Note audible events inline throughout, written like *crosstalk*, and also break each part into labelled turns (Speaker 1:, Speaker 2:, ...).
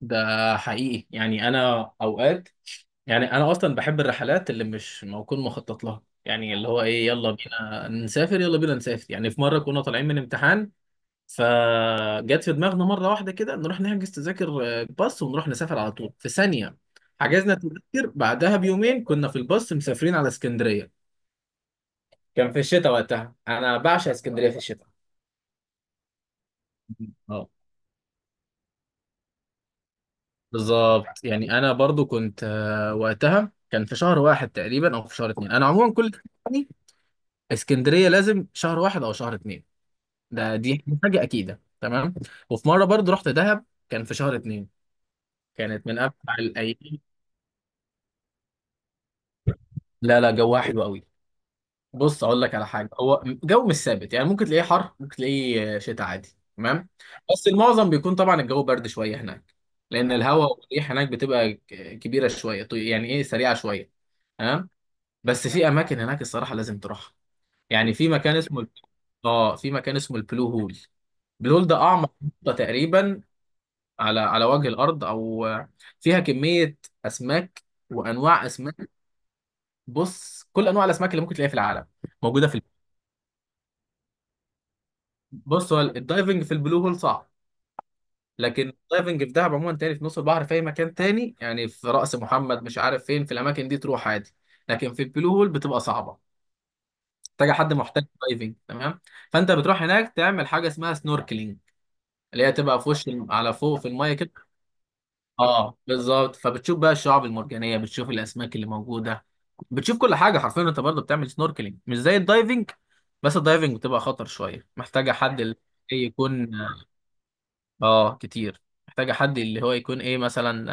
Speaker 1: ده حقيقي، يعني انا اوقات، يعني انا اصلا بحب الرحلات اللي مش موكون مخطط لها. يعني اللي هو ايه، يلا بينا نسافر، يلا بينا نسافر. يعني في مره كنا طالعين من امتحان، فجت في دماغنا مره واحده كده نروح نحجز تذاكر باص، ونروح نسافر على طول في ثانيه. حجزنا تذاكر، بعدها بيومين كنا في الباص مسافرين على اسكندريه. كان في الشتاء وقتها، انا بعشق اسكندريه في الشتاء. اه، بالظبط. يعني انا برضو كنت، وقتها كان في شهر واحد تقريبا او في شهر اتنين. انا عموما كل، يعني اسكندريه لازم شهر واحد او شهر اتنين. دي حاجه اكيده. تمام. وفي مره برضو رحت دهب، كان في شهر اتنين. كانت من امتع الايام. لا لا، جوها حلو قوي. بص، اقول لك على حاجه، هو جو مش ثابت. يعني ممكن تلاقيه حر، ممكن تلاقيه شتاء عادي. تمام. بس المعظم بيكون طبعا الجو برد شويه هناك، لان الهواء والريح هناك بتبقى كبيره شويه، يعني ايه، سريعه شويه. تمام. بس في اماكن هناك الصراحه لازم تروحها. يعني في مكان اسمه الب- اه في مكان اسمه البلو هول. البلو هول ده اعمق نقطه تقريبا على وجه الارض، او فيها كميه اسماك وانواع اسماك. بص، كل انواع الاسماك اللي ممكن تلاقيها في العالم موجوده في بص، هو الدايفنج في البلو هول صعب، لكن الدايفنج في دهب عموما تاني، في نص البحر، في اي مكان تاني. يعني في رأس محمد، مش عارف فين، في الاماكن دي تروح عادي. لكن في البلو هول بتبقى صعبه، محتاجه حد محترف دايفنج. تمام. فانت بتروح هناك تعمل حاجه اسمها سنوركلينج، اللي هي تبقى في وش على فوق، في الميه كده. اه، بالظبط. فبتشوف بقى الشعاب المرجانيه، بتشوف الاسماك اللي موجوده، بتشوف كل حاجه حرفيا. انت برضه بتعمل سنوركلينج مش زي الدايفنج. بس الدايفنج بتبقى خطر شويه، محتاجه حد اللي إيه يكون. اه، كتير. محتاجه حد اللي هو يكون ايه، مثلا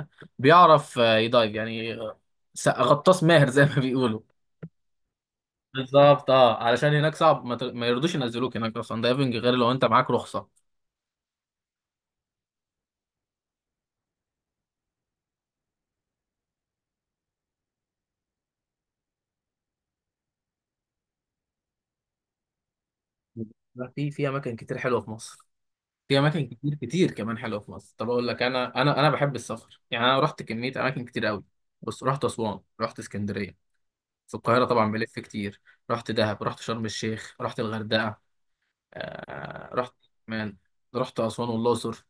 Speaker 1: آه، بيعرف يدايف يعني. غطاس ماهر زي ما بيقولوا. بالظبط. اه، علشان هناك صعب، ما يرضوش ينزلوك هناك اصلا دايفنج غير لو انت معاك رخصه. لا، في اماكن كتير حلوه في مصر. في اماكن كتير كتير كمان حلوه في مصر. طب، اقول لك، انا بحب السفر. يعني انا رحت كميه اماكن كتير قوي. بص، رحت اسوان، رحت اسكندريه، في القاهره طبعا بلف كتير، رحت دهب، رحت شرم الشيخ، رحت الغردقه، آه... رحت مان رحت اسوان والاقصر.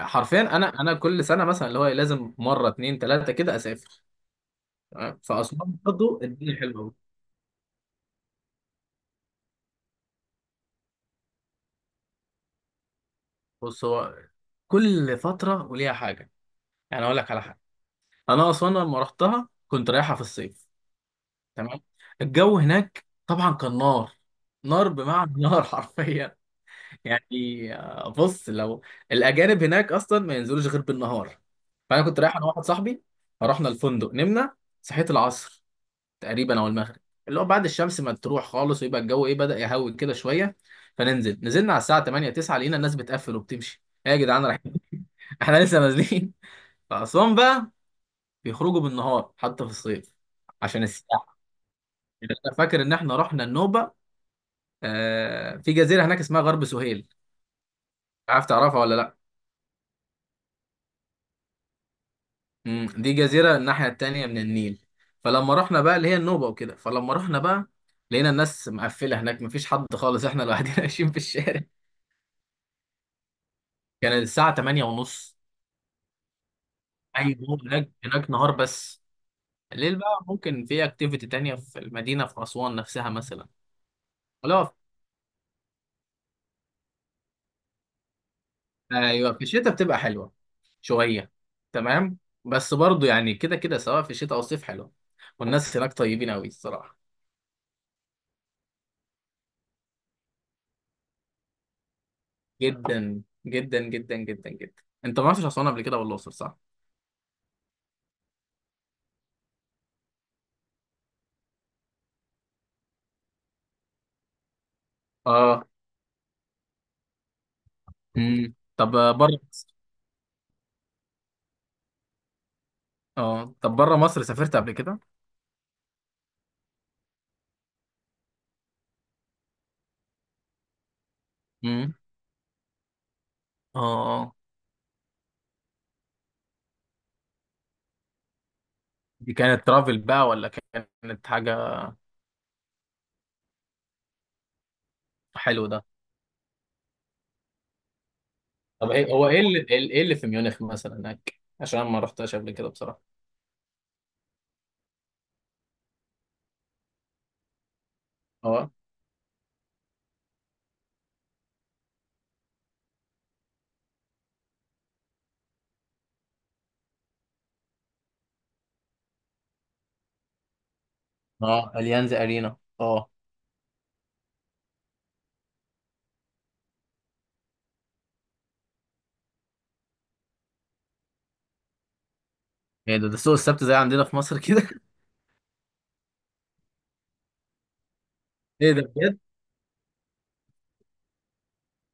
Speaker 1: حرفيا انا كل سنه مثلا، اللي هو لازم مره اتنين تلاته كده اسافر. تمام؟ فاسوان برضه الدنيا حلوه. بص، هو كل فترة وليها حاجة. يعني أقول لك على حاجة، أنا أسوان لما رحتها كنت رايحة في الصيف. تمام. الجو هناك طبعا كان نار، نار بمعنى *laughs* نار حرفيا. يعني بص، لو الأجانب هناك أصلا ما ينزلوش غير بالنهار. فأنا كنت رايح أنا واحد صاحبي، فرحنا الفندق نمنا، صحيت العصر تقريبا او المغرب، اللي هو بعد الشمس ما تروح خالص ويبقى الجو ايه، بدأ يهوي كده شويه. نزلنا على الساعه 8 9، لقينا الناس بتقفل وبتمشي. ايه يا جدعان، رايحين؟ *laughs* احنا لسه نازلين. فأسوان بقى بيخرجوا بالنهار حتى في الصيف عشان السياحه. انا فاكر ان احنا رحنا النوبه، في جزيره هناك اسمها غرب سهيل. عارف، تعرفها ولا لا؟ دي جزيره الناحيه التانيه من النيل. فلما رحنا بقى اللي هي النوبه وكده، فلما رحنا بقى لقينا الناس مقفله هناك، مفيش حد خالص، احنا لوحدنا *laughs* ماشيين في الشارع. كان الساعة 8 ونص. أي، هو هناك نهار بس. الليل بقى ممكن في أكتيفيتي تانية في المدينة، في أسوان نفسها مثلا. ولو في- أيوة، في الشتاء بتبقى حلوة شوية. تمام. بس برضو يعني، كده كده سواء في الشتاء أو الصيف حلوة. والناس هناك طيبين أوي الصراحة. جدا جدا جدا جدا جدا. أنت ما رحتش أسوان قبل كده ولا الأقصر، صح؟ آه. طب، بره مصر. آه، طب بره مصر سافرت قبل كده؟ امم. آه. آه. دي كانت ترافل بقى ولا كانت حاجة؟ حلوة ده. طب ايه، هو ايه اللي ايه إيه اللي في ميونخ مثلا هناك، عشان أنا ما رحتهاش قبل كده بصراحه؟ اه، اه، اليانز ارينا، اه. ايه ده سوق السبت زي عندنا في مصر كده؟ *laughs* ايه ده بجد؟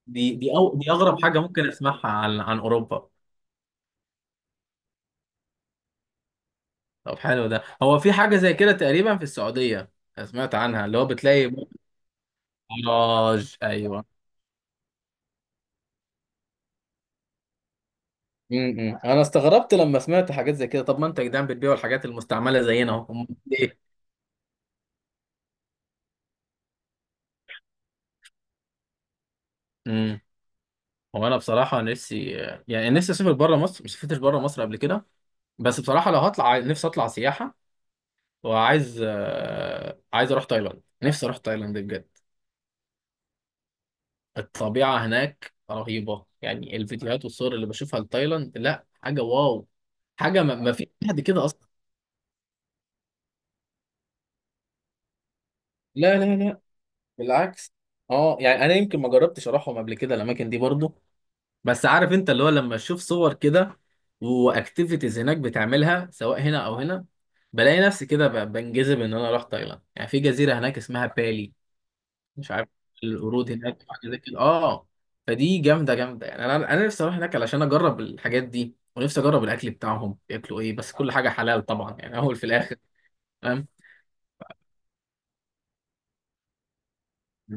Speaker 1: دي اغرب حاجه ممكن اسمعها عن اوروبا. طب حلو ده. هو في حاجه زي كده تقريبا في السعوديه، أنا سمعت عنها، اللي هو بتلاقي. مراج، ايوه. انا استغربت لما سمعت حاجات زي كده. طب ما انت يا جدعان بتبيعوا الحاجات المستعمله زينا اهو، أمال ليه؟ امم هو انا بصراحه نفسي، يعني نفسي اسافر بره مصر، ما سافرتش بره مصر قبل كده. بس بصراحة، لو هطلع نفسي أطلع سياحة، وعايز آه، عايز أروح تايلاند. نفسي أروح تايلاند بجد. الطبيعة هناك رهيبة. يعني الفيديوهات والصور اللي بشوفها لتايلاند، لا، حاجة واو. حاجة ما في حد كده أصلا. لا لا لا، بالعكس. اه، يعني أنا يمكن ما جربتش أروحهم قبل كده الأماكن دي برضو، بس عارف أنت، اللي هو لما أشوف صور كده وأكتيفيتيز هناك بتعملها سواء هنا أو هنا، بلاقي نفسي كده بنجذب إن أنا أروح تايلاند. يعني في جزيرة هناك اسمها بالي، مش عارف، القرود هناك أو حاجه زي كده، اه. فدي جامده جامده، يعني انا نفسي اروح هناك علشان اجرب الحاجات دي، ونفسي اجرب الاكل بتاعهم، بياكلوا ايه، بس كل حاجه حلال طبعا يعني، اول في الاخر. فاهم؟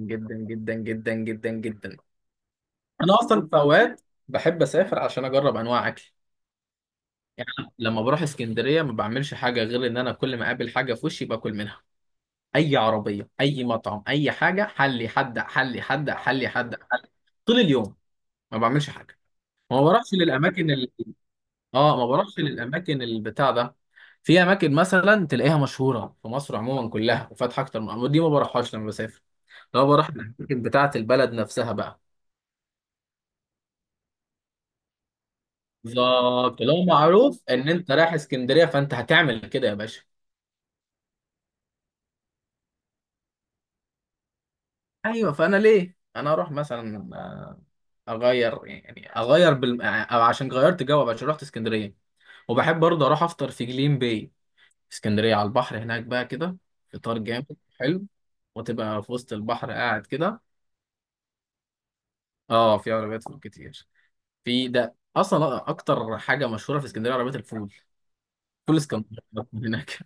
Speaker 1: جدا جدا جدا جدا جدا. انا اصلا في اوقات بحب اسافر عشان اجرب انواع اكل. يعني أنا لما بروح اسكندريه ما بعملش حاجه غير ان انا كل ما اقابل حاجه في وشي باكل منها. اي عربيه، اي مطعم، اي حاجه، حلي حد، حلي حد، حلي حد، حلي. طول اليوم ما بعملش حاجه، ما بروحش للاماكن. اه، ما بروحش للاماكن البتاع ده. في اماكن مثلا تلاقيها مشهوره في مصر عموما كلها وفاتحه اكتر من أماكن، دي ما بروحهاش لما بسافر. لو بروح الاماكن بتاعه البلد نفسها بقى. بالظبط، لو معروف ان انت رايح اسكندريه فانت هتعمل كده يا باشا. ايوه. فانا ليه انا اروح مثلا، اغير، يعني اغير أو عشان غيرت جو بقى، عشان رحت اسكندريه. وبحب برضه اروح افطر في جليم باي، في اسكندريه على البحر هناك بقى كده. فطار جامد حلو، وتبقى في وسط البحر قاعد كده. اه، في عربيات فول كتير. في ده اصلا اكتر حاجه مشهوره في اسكندريه، عربيات الفول. فول اسكندريه *laughs* هناك.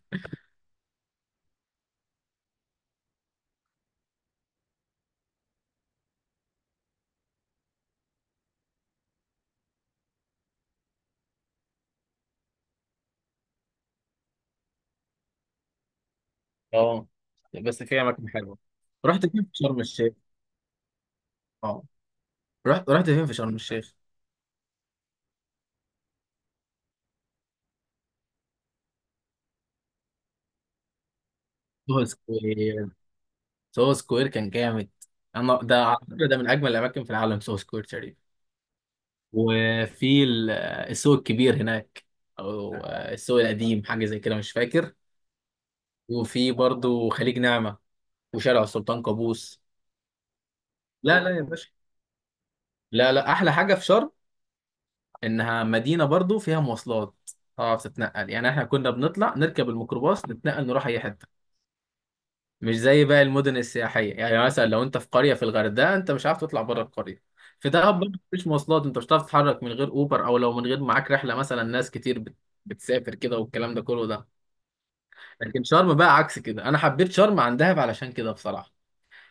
Speaker 1: اه، بس في اماكن حلوه. رحت فين في شرم الشيخ؟ اه، رحت فين في شرم الشيخ؟ سوهو سكوير. سوهو سكوير كان جامد. انا ده على فكره ده من اجمل الاماكن في العالم، سوهو سكوير تقريبا. وفي السوق الكبير هناك، او السوق القديم، حاجه زي كده، مش فاكر. وفي برضو خليج نعمه وشارع السلطان قابوس. لا لا يا باشا، لا لا، احلى حاجه في شرم انها مدينه برضو فيها مواصلات، تعرف تتنقل. يعني احنا كنا بنطلع نركب الميكروباص نتنقل، نروح اي حته، مش زي باقي المدن السياحيه. يعني مثلا لو انت في قريه في الغردقه، انت مش عارف تطلع بره القريه. في دهب برضو مفيش مواصلات، انت مش هتعرف تتحرك من غير اوبر، او لو من غير معاك رحله مثلا. ناس كتير بتسافر كده والكلام ده كله ده. لكن شرم بقى عكس كده، انا حبيت شرم عن دهب علشان كده بصراحه.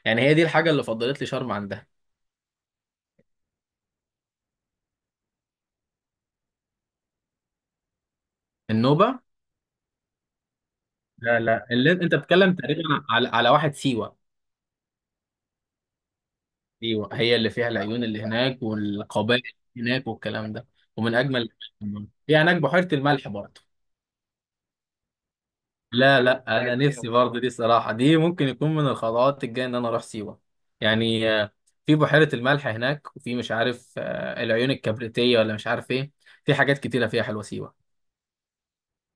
Speaker 1: يعني هي دي الحاجه اللي فضلت لي شرم عن دهب. النوبه. لا لا، اللي انت بتتكلم تقريبا على واحد سيوه. ايوه، هي اللي فيها العيون اللي هناك والقبائل اللي هناك والكلام ده. ومن اجمل، في هناك بحيره الملح برضه. لا لا، انا نفسي برضه دي، صراحه دي ممكن يكون من الخطوات الجايه ان انا اروح سيوه. يعني في بحيره الملح هناك، وفي مش عارف، العيون الكبريتيه ولا مش عارف ايه. في حاجات كتيره فيها حلوه سيوه.